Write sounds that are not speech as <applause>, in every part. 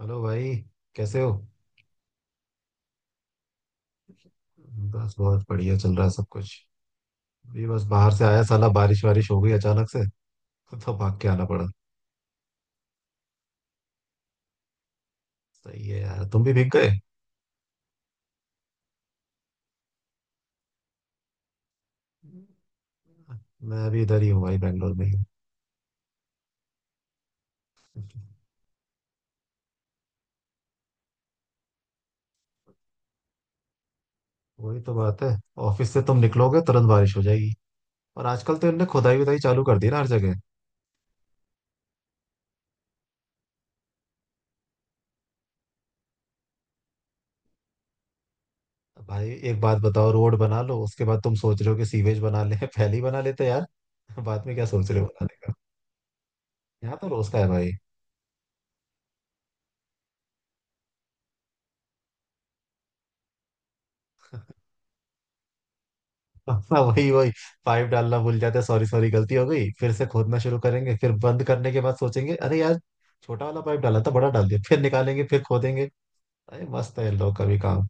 Hello भाई। कैसे हो? बस बहुत बढ़िया चल रहा है सब कुछ। अभी बस बाहर से आया, साला बारिश वारिश हो गई अचानक से, तो भाग के आना पड़ा। सही है यार, तुम भी भीग गए? मैं अभी इधर ही हूँ भाई, बैंगलोर में ही हूँ। वही तो बात है, ऑफिस से तुम निकलोगे तुरंत बारिश हो जाएगी। और आजकल तो इनने खुदाई उदाई चालू कर दी ना हर जगह। भाई एक बात बताओ, रोड बना लो उसके बाद तुम सोच रहे हो कि सीवेज बना ले <laughs> पहले ही बना लेते यार। बाद में क्या सोच रहे हो बनाने का? यहाँ तो रोज का है भाई। हाँ वही वही, पाइप डालना भूल जाते, सॉरी सॉरी गलती हो गई, फिर से खोदना शुरू करेंगे, फिर बंद करने के बाद सोचेंगे अरे यार, छोटा वाला पाइप डाला था बड़ा डाल दिया, फिर निकालेंगे फिर खोदेंगे। अरे मस्त है इन लोग का भी काम।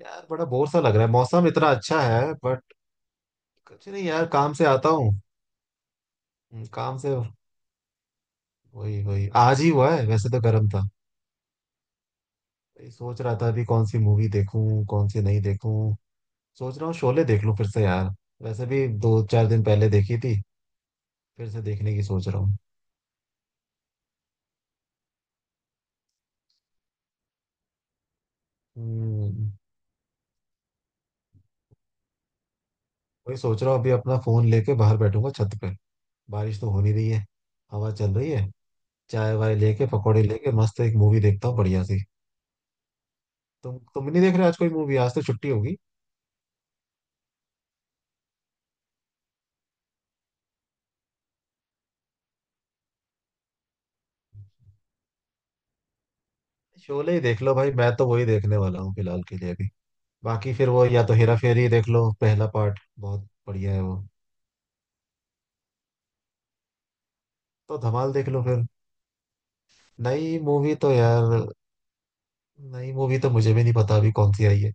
यार बड़ा बोर सा लग रहा है, मौसम इतना अच्छा है बट। कुछ नहीं यार, काम से आता हूँ। काम से। वही वही, आज ही हुआ है, वैसे तो गर्म था। वही सोच रहा था अभी, कौन सी मूवी देखूं कौन सी नहीं देखूं। सोच रहा हूँ शोले देख लूं फिर से यार। वैसे भी 2-4 दिन पहले देखी थी, फिर से देखने की सोच रहा हूँ। हम्म, वही सोच रहा हूँ अभी, अपना फोन लेके बाहर बैठूंगा छत पे। बारिश तो हो नहीं रही है, हवा चल रही है। चाय वाय लेके, पकौड़े लेके, मस्त एक मूवी देखता हूँ बढ़िया सी। तुम नहीं देख रहे आज कोई मूवी? आज तो छुट्टी होगी। शोले ही देख लो भाई, मैं तो वही देखने वाला हूँ फिलहाल के लिए अभी। बाकी फिर वो, या तो हेरा फेरी देख लो, पहला पार्ट बहुत बढ़िया है वो। तो धमाल देख लो फिर। नई मूवी तो यार, नई मूवी तो मुझे भी नहीं पता अभी कौन सी आई है।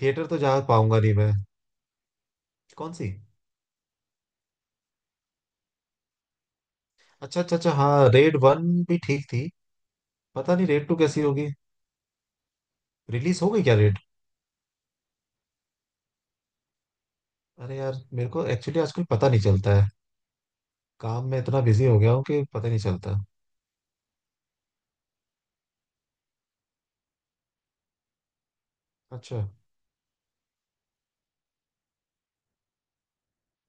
थिएटर तो जा पाऊंगा नहीं मैं। कौन सी? अच्छा अच्छा अच्छा, हाँ रेड वन भी ठीक थी। पता नहीं रेड टू कैसी होगी। रिलीज हो गई क्या रेड? अरे यार मेरे को एक्चुअली आजकल पता नहीं चलता है, काम में इतना बिजी हो गया हूँ कि पता नहीं चलता। अच्छा।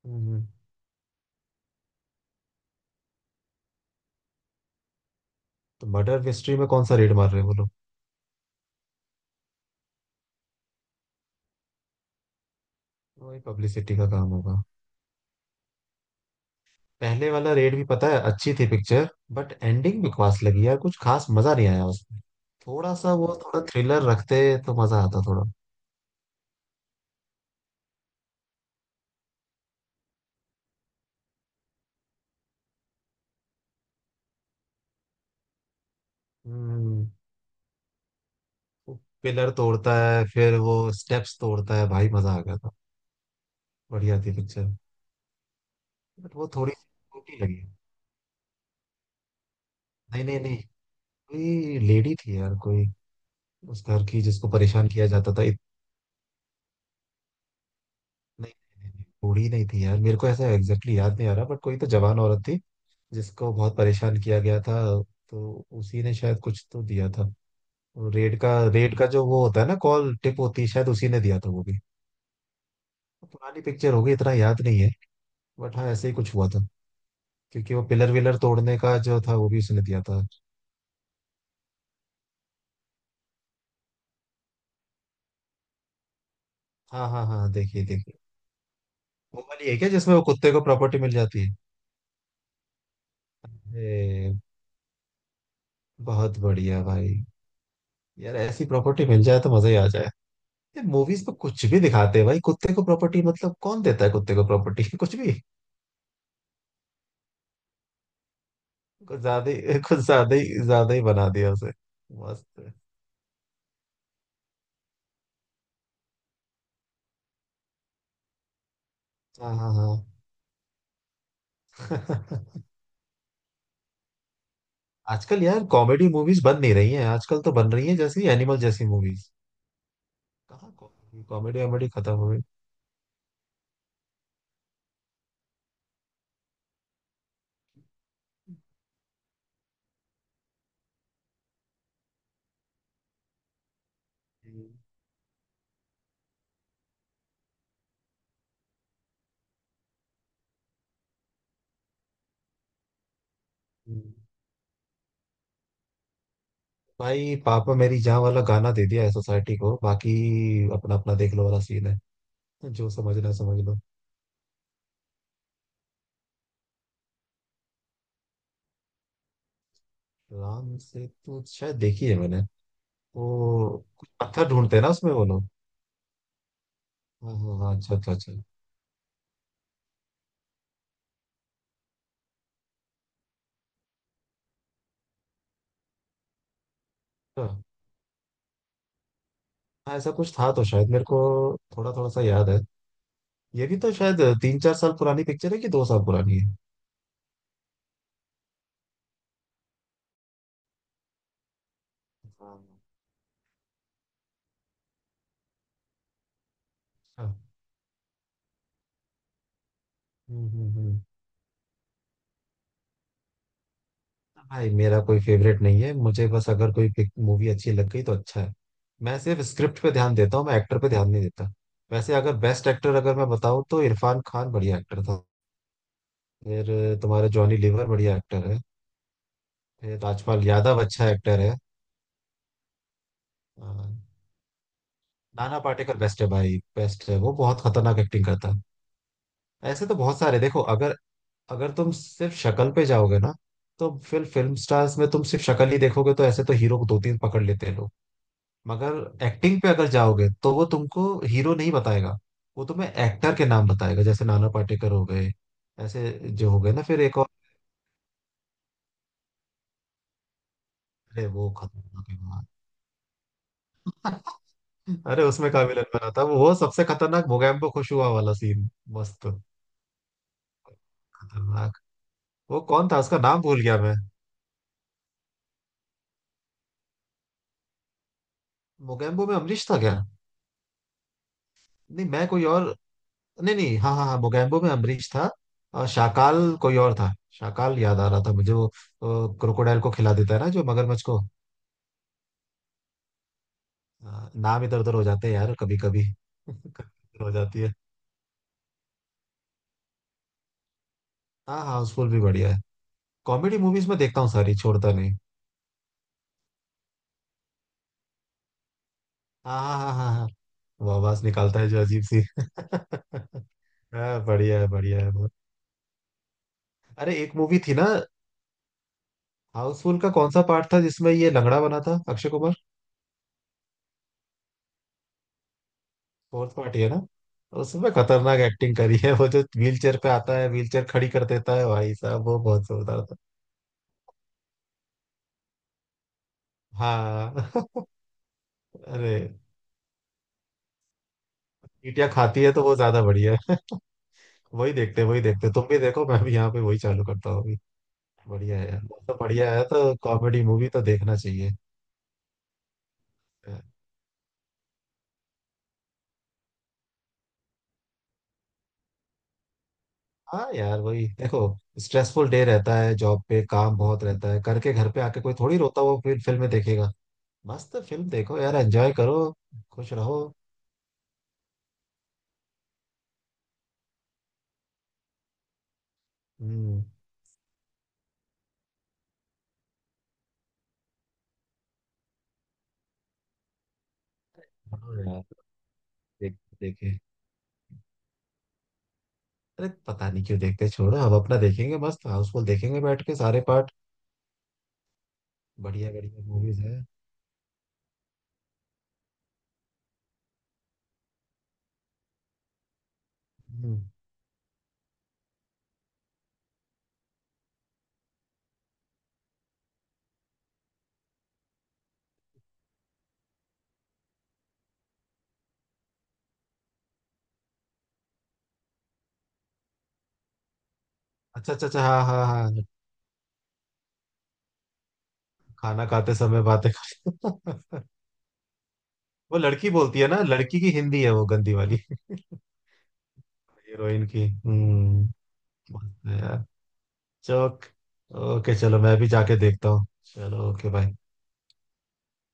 हम्म। तो मर्डर मिस्ट्री में कौन सा रेड मार रहे हो बोलो? वही पब्लिसिटी का काम होगा। पहले वाला रेड भी पता है अच्छी थी पिक्चर, बट एंडिंग बकवास लगी यार, कुछ खास मजा नहीं आया उसमें। थोड़ा सा वो, थोड़ा थ्रिलर रखते तो मजा आता थोड़ा। हम्म। वो पिलर तोड़ता है, फिर वो स्टेप्स तोड़ता है, भाई मजा आ गया था। बढ़िया थी पिक्चर, बट वो थोड़ी छोटी लगी। नहीं नहीं नहीं, कोई लेडी थी यार कोई, उस घर की, जिसको परेशान किया जाता था इतनी। बूढ़ी नहीं थी यार, मेरे को ऐसा एग्जैक्टली याद नहीं आ रहा, बट कोई तो जवान औरत थी जिसको बहुत परेशान किया गया था। तो उसी ने शायद कुछ तो दिया था। और रेड का, रेड का जो वो होता है ना कॉल टिप होती है, शायद उसी ने दिया था वो भी। तो पुरानी पिक्चर होगी, इतना याद नहीं है, बट हाँ ऐसे ही कुछ हुआ था। क्योंकि वो पिलर विलर तोड़ने का जो था वो भी उसने दिया था। हाँ हाँ हाँ, देखिए देखिए। वो वाली है क्या, जिसमें वो कुत्ते को प्रॉपर्टी मिल जाती है? अरे, बहुत बढ़िया भाई। यार ऐसी प्रॉपर्टी मिल जाए तो मजा ही आ जाए। यार मूवीज में कुछ भी दिखाते हैं भाई, कुत्ते को प्रॉपर्टी, मतलब कौन देता है कुत्ते को प्रॉपर्टी <laughs> कुछ भी। कुछ ज्यादा ही, कुछ ज्यादा ही, ज्यादा ही बना दिया उसे। मस्त है। हाँ हाँ हाँ। <laughs> आजकल यार कॉमेडी मूवीज बन नहीं रही हैं, आजकल तो बन रही हैं जैसी एनिमल जैसी मूवीज। कहाँ कॉमेडी, कॉमेडी वॉमेडी खत्म हो गई। हम्म। भाई पापा मेरी जान वाला गाना दे दिया है सोसाइटी को, बाकी अपना अपना देख लो वाला सीन है। जो समझना समझ लो। राम से तू शायद देखी है मैंने। वो कुछ पत्थर ढूंढते हैं ना उसमें वो लोग। हाँ हाँ हाँ, अच्छा अच्छा अच्छा। अच्छा। हाँ ऐसा कुछ था तो, शायद मेरे को थोड़ा थोड़ा सा याद है। ये भी तो शायद 3-4 साल पुरानी पिक्चर है कि 2 साल पुरानी है। हाँ, अच्छा। हम्म हम्म हम्म। भाई मेरा कोई फेवरेट नहीं है, मुझे बस अगर कोई मूवी अच्छी लग गई तो अच्छा है। मैं सिर्फ स्क्रिप्ट पे ध्यान देता हूँ, मैं एक्टर पे ध्यान नहीं देता। वैसे अगर बेस्ट एक्टर अगर मैं बताऊँ तो इरफान खान बढ़िया एक्टर था। फिर तुम्हारा जॉनी लीवर बढ़िया एक्टर है। फिर राजपाल यादव अच्छा एक्टर है। हाँ। नाना पाटेकर बेस्ट है भाई, बेस्ट है, वो बहुत खतरनाक एक्टिंग करता है। ऐसे तो बहुत सारे, देखो अगर, अगर तुम सिर्फ शक्ल पे जाओगे ना तो फिर फिल्म स्टार्स में तुम सिर्फ शक्ल ही देखोगे, तो ऐसे तो हीरो को 2-3 पकड़ लेते हैं लोग। मगर एक्टिंग पे अगर जाओगे तो वो तुमको हीरो नहीं बताएगा, वो तुम्हें एक्टर के नाम बताएगा, जैसे नाना पाटेकर हो गए, ऐसे जो हो गए ना, फिर एक और। अरे वो खतरनाक है यार। <laughs> अरे उसमें का विलन बना था वो सबसे खतरनाक, मोगैम्बो खुश हुआ वाला सीन, मस्त, खतरनाक। वो कौन था, उसका नाम भूल गया मैं। मोगेम्बो में अमरीश था क्या? नहीं मैं कोई और, नहीं नहीं, हाँ हाँ हाँ, मोगेम्बो में अमरीश था। और शाकाल कोई और था, शाकाल याद आ रहा था मुझे वो, क्रोकोडाइल को खिला देता है ना, जो मगरमच्छ को। नाम इधर उधर हो जाते हैं यार कभी कभी <laughs> कभी हो जाती है। हाँ हाँ, हाउसफुल भी बढ़िया है। कॉमेडी मूवीज में देखता हूँ सारी, छोड़ता नहीं। हाँ हाँ हाँ हाँ हाँ। वो आवाज निकालता है जो अजीब सी <laughs> हाँ बढ़िया है, बढ़िया है बहुत। अरे एक मूवी थी ना, हाउसफुल का कौन सा पार्ट था जिसमें ये लंगड़ा बना था अक्षय कुमार? फोर्थ पार्टी है ना? तो उसमें खतरनाक एक्टिंग करी है, वो जो व्हील चेयर पे आता है, व्हील चेयर खड़ी कर देता है, भाई साहब वो बहुत जोरदार था। हाँ <laughs> अरे चींटियां खाती है तो वो ज्यादा बढ़िया है। <laughs> वही देखते, वही देखते, तुम भी देखो, मैं भी यहाँ पे वही चालू करता हूँ अभी। बढ़िया है यार बहुत, तो बढ़िया है तो कॉमेडी मूवी तो देखना चाहिए। हाँ यार, वही देखो, स्ट्रेसफुल डे रहता है, जॉब पे काम बहुत रहता है करके, घर पे आके कोई थोड़ी रोता हुआ फिर फिल्में देखेगा। मस्त फिल्म देखो यार, एंजॉय करो, खुश रहो। हम्म। हाँ यार। देख, देखे, अरे पता नहीं क्यों देखते, छोड़ो, हम अपना देखेंगे, मस्त हाउसफुल देखेंगे बैठ के सारे पार्ट। बढ़िया बढ़िया मूवीज है। हम्म। अच्छा अच्छा अच्छा, हाँ हाँ हाँ, खाना खाते समय बातें करते <laughs> वो लड़की बोलती है ना, लड़की की हिंदी है वो गंदी वाली <laughs> हीरोइन की। हम्म। मस्त है यार। चौक, ओके, चलो मैं भी जाके देखता हूँ। चलो, ओके, बाय।